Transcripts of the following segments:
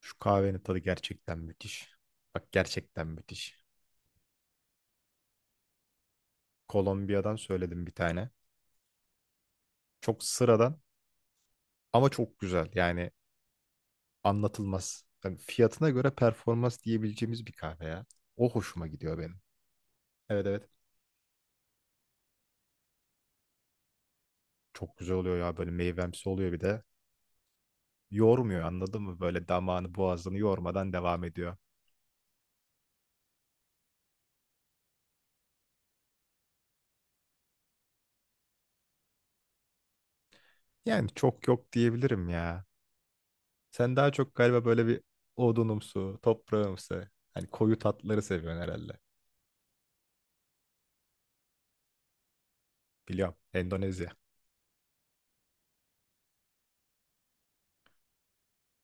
Şu kahvenin tadı gerçekten müthiş. Bak gerçekten müthiş. Kolombiya'dan söyledim bir tane. Çok sıradan ama çok güzel. Yani anlatılmaz. Yani fiyatına göre performans diyebileceğimiz bir kahve ya. O hoşuma gidiyor benim. Evet, evet. Çok güzel oluyor ya, böyle meyvemsi oluyor bir de. Yormuyor, anladın mı? Böyle damağını boğazını yormadan devam ediyor. Yani çok yok diyebilirim ya. Sen daha çok galiba böyle bir odunumsu, toprağımsı, hani koyu tatları seviyorsun herhalde. Biliyorum. Endonezya.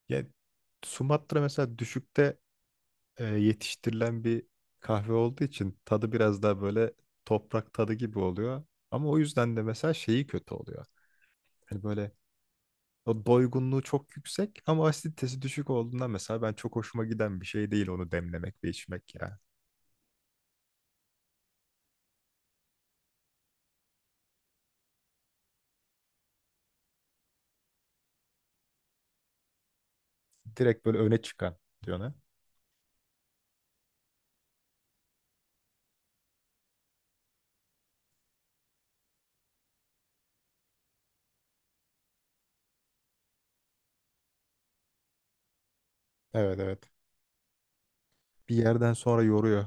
Ya Sumatra mesela düşükte yetiştirilen bir kahve olduğu için tadı biraz daha böyle toprak tadı gibi oluyor. Ama o yüzden de mesela şeyi kötü oluyor. Hani böyle o doygunluğu çok yüksek ama asiditesi düşük olduğundan mesela ben çok hoşuma giden bir şey değil onu demlemek ve içmek ya. Direkt böyle öne çıkan diyor ne? Evet, evet. Bir yerden sonra yoruyor.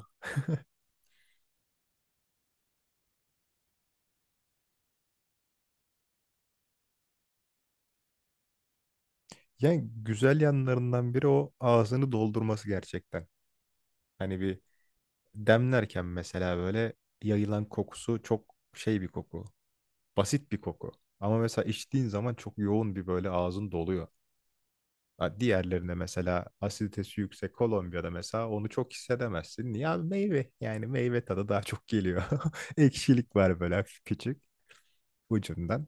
Yani güzel yanlarından biri o ağzını doldurması gerçekten. Hani bir demlerken mesela böyle yayılan kokusu çok şey bir koku. Basit bir koku. Ama mesela içtiğin zaman çok yoğun bir böyle ağzın doluyor. Ha, diğerlerine mesela asiditesi yüksek Kolombiya'da mesela onu çok hissedemezsin. Ya meyve, yani meyve tadı daha çok geliyor. Ekşilik var böyle hafif küçük ucundan.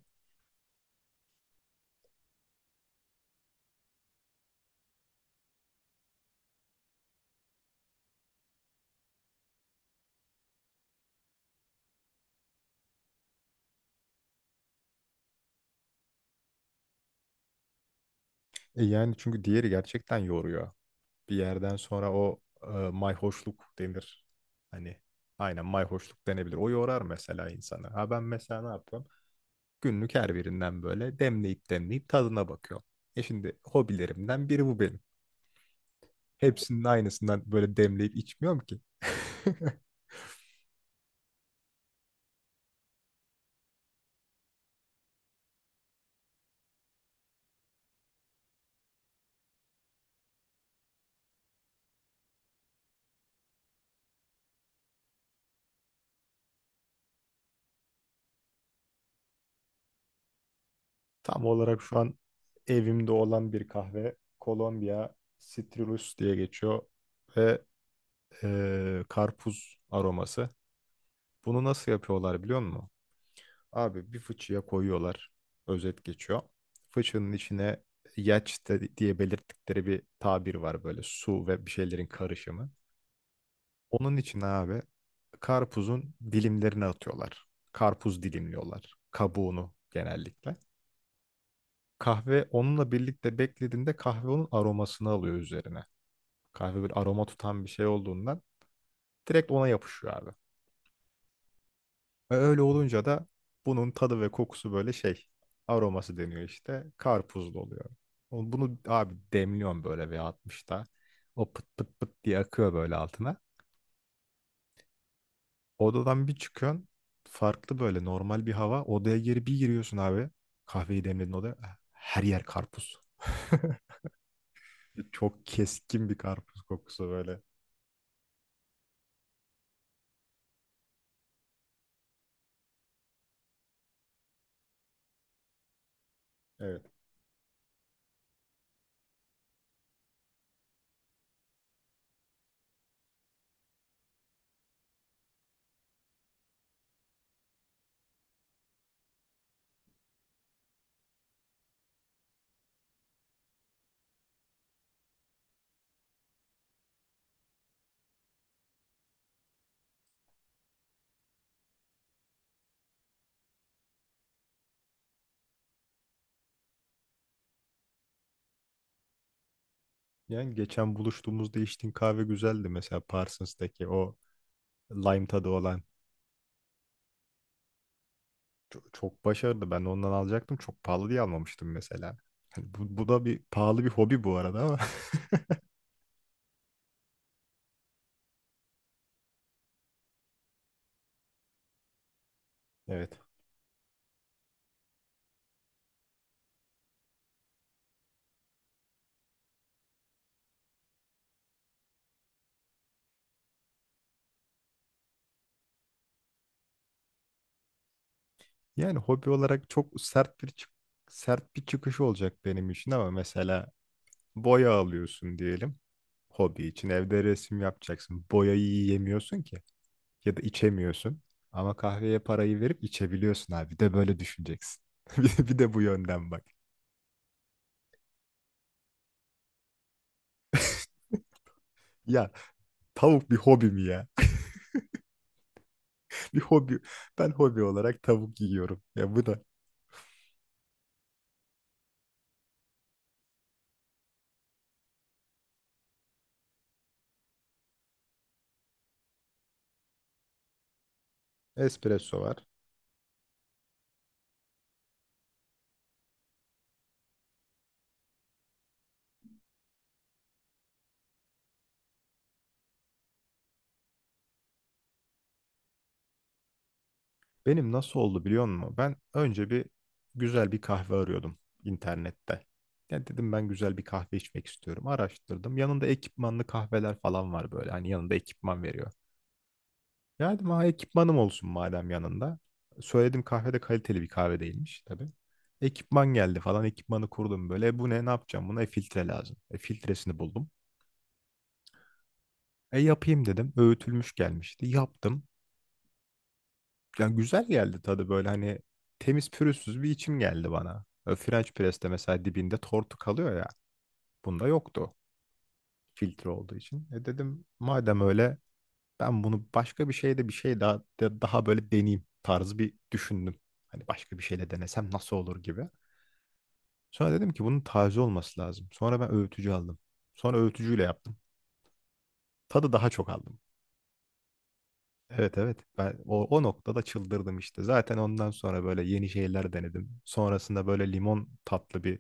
E yani çünkü diğeri gerçekten yoruyor. Bir yerden sonra o mayhoşluk denir. Hani aynen, mayhoşluk denebilir. O yorar mesela insanı. Ha, ben mesela ne yapıyorum? Günlük her birinden böyle demleyip demleyip tadına bakıyorum. E şimdi hobilerimden biri bu benim. Hepsinin aynısından böyle demleyip içmiyorum ki. Tam olarak şu an evimde olan bir kahve Kolombiya Citrus diye geçiyor ve karpuz aroması. Bunu nasıl yapıyorlar, biliyor musun? Abi bir fıçıya koyuyorlar. Özet geçiyor. Fıçının içine diye belirttikleri bir tabir var böyle, su ve bir şeylerin karışımı. Onun içine abi karpuzun dilimlerini atıyorlar. Karpuz dilimliyorlar. Kabuğunu genellikle. Kahve onunla birlikte beklediğinde kahve onun aromasını alıyor üzerine. Kahve bir aroma tutan bir şey olduğundan direkt ona yapışıyor abi. Ve öyle olunca da bunun tadı ve kokusu böyle şey, aroması deniyor işte, karpuzlu oluyor. O- bunu abi demliyorsun böyle bir 60'ta. O pıt pıt pıt diye akıyor böyle altına. Odadan bir çıkıyorsun, farklı böyle normal bir hava. Odaya geri bir giriyorsun abi. Kahveyi demledin odaya. Ah, her yer karpuz. Çok keskin bir karpuz kokusu böyle. Evet. Yani geçen buluştuğumuzda içtiğin kahve güzeldi mesela, Parsons'taki o lime tadı olan çok, çok başarılı. Ben de ondan alacaktım. Çok pahalı diye almamıştım mesela. Hani bu, bu da bir pahalı bir hobi bu arada ama. Evet. Yani hobi olarak çok sert bir sert bir çıkış olacak benim için ama mesela boya alıyorsun diyelim. Hobi için evde resim yapacaksın. Boyayı yiyemiyorsun ki ya da içemiyorsun. Ama kahveye parayı verip içebiliyorsun abi. Bir de böyle düşüneceksin. Bir de bu yönden bak. Ya tavuk bir hobi mi ya? Bir hobi. Ben hobi olarak tavuk yiyorum. Ya bu da espresso var. Benim nasıl oldu, biliyor musun? Ben önce bir güzel bir kahve arıyordum internette. Ya dedim ben güzel bir kahve içmek istiyorum. Araştırdım. Yanında ekipmanlı kahveler falan var böyle. Hani yanında ekipman veriyor. Ya dedim ha, ekipmanım olsun madem yanında. Söyledim, kahve de kaliteli bir kahve değilmiş tabii. Ekipman geldi falan. Ekipmanı kurdum böyle. E bu ne, ne yapacağım? Buna filtre lazım. Filtresini buldum. E yapayım dedim. Öğütülmüş gelmişti. Yaptım. Yani güzel geldi tadı böyle, hani temiz pürüzsüz bir içim geldi bana. French press'te mesela dibinde tortu kalıyor ya. Bunda yoktu filtre olduğu için. E dedim madem öyle ben bunu başka bir şeyde bir şey daha daha böyle deneyeyim tarzı bir düşündüm. Hani başka bir şeyle denesem nasıl olur gibi. Sonra dedim ki bunun taze olması lazım. Sonra ben öğütücü aldım. Sonra öğütücüyle yaptım. Tadı daha çok aldım. Evet, evet, ben o noktada çıldırdım işte. Zaten ondan sonra böyle yeni şeyler denedim. Sonrasında böyle limon tatlı bir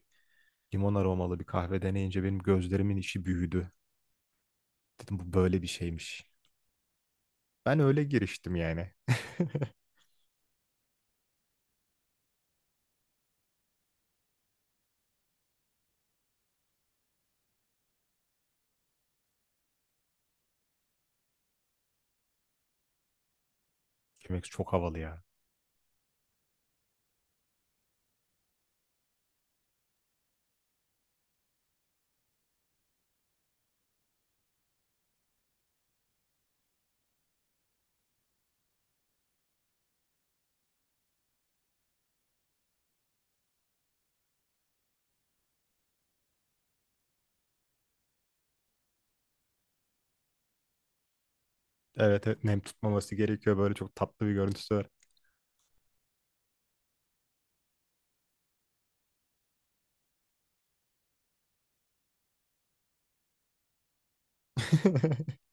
limon aromalı bir kahve deneyince benim gözlerimin içi büyüdü. Dedim bu böyle bir şeymiş. Ben öyle giriştim yani. Chemex çok havalı ya. Evet, evet, nem tutmaması gerekiyor, böyle çok tatlı bir görüntüsü var.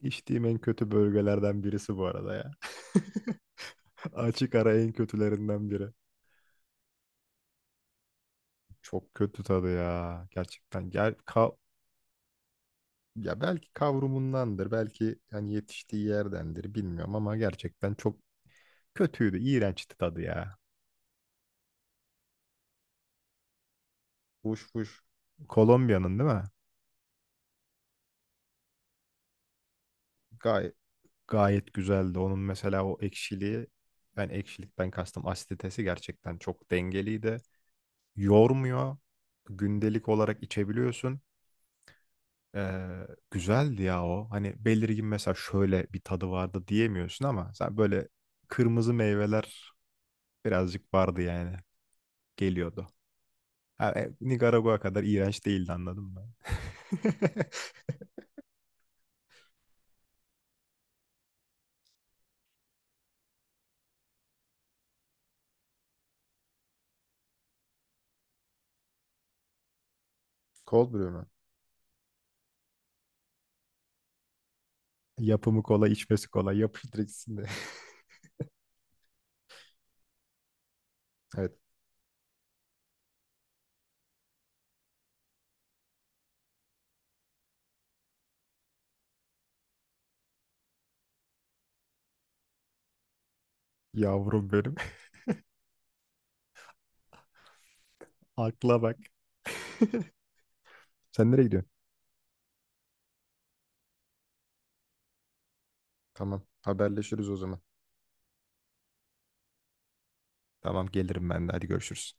İçtiğim en kötü bölgelerden birisi bu arada ya. Açık ara en kötülerinden biri. Çok kötü tadı ya. Gerçekten. Gel, ya belki kavrumundandır, belki hani yetiştiği yerdendir bilmiyorum ama gerçekten çok kötüydü, iğrençti tadı ya. Fuş fuş. Kolombiya'nın değil mi? Gayet, gayet güzeldi. Onun mesela o ekşiliği, ben ekşilikten kastım asiditesi gerçekten çok dengeliydi. Yormuyor. Gündelik olarak içebiliyorsun. Ee, Güzeldi ya o. Hani belirgin mesela şöyle bir tadı vardı diyemiyorsun ama sen böyle kırmızı meyveler birazcık vardı yani. Geliyordu. Ha, Nikaragua kadar iğrenç değildi, anladın mı? Cold brew mu? Yapımı kolay, içmesi kolay. Yapıştırsın. Evet. Yavrum benim. Akla bak. Sen nereye gidiyorsun? Tamam. Haberleşiriz o zaman. Tamam, gelirim ben de. Hadi görüşürüz.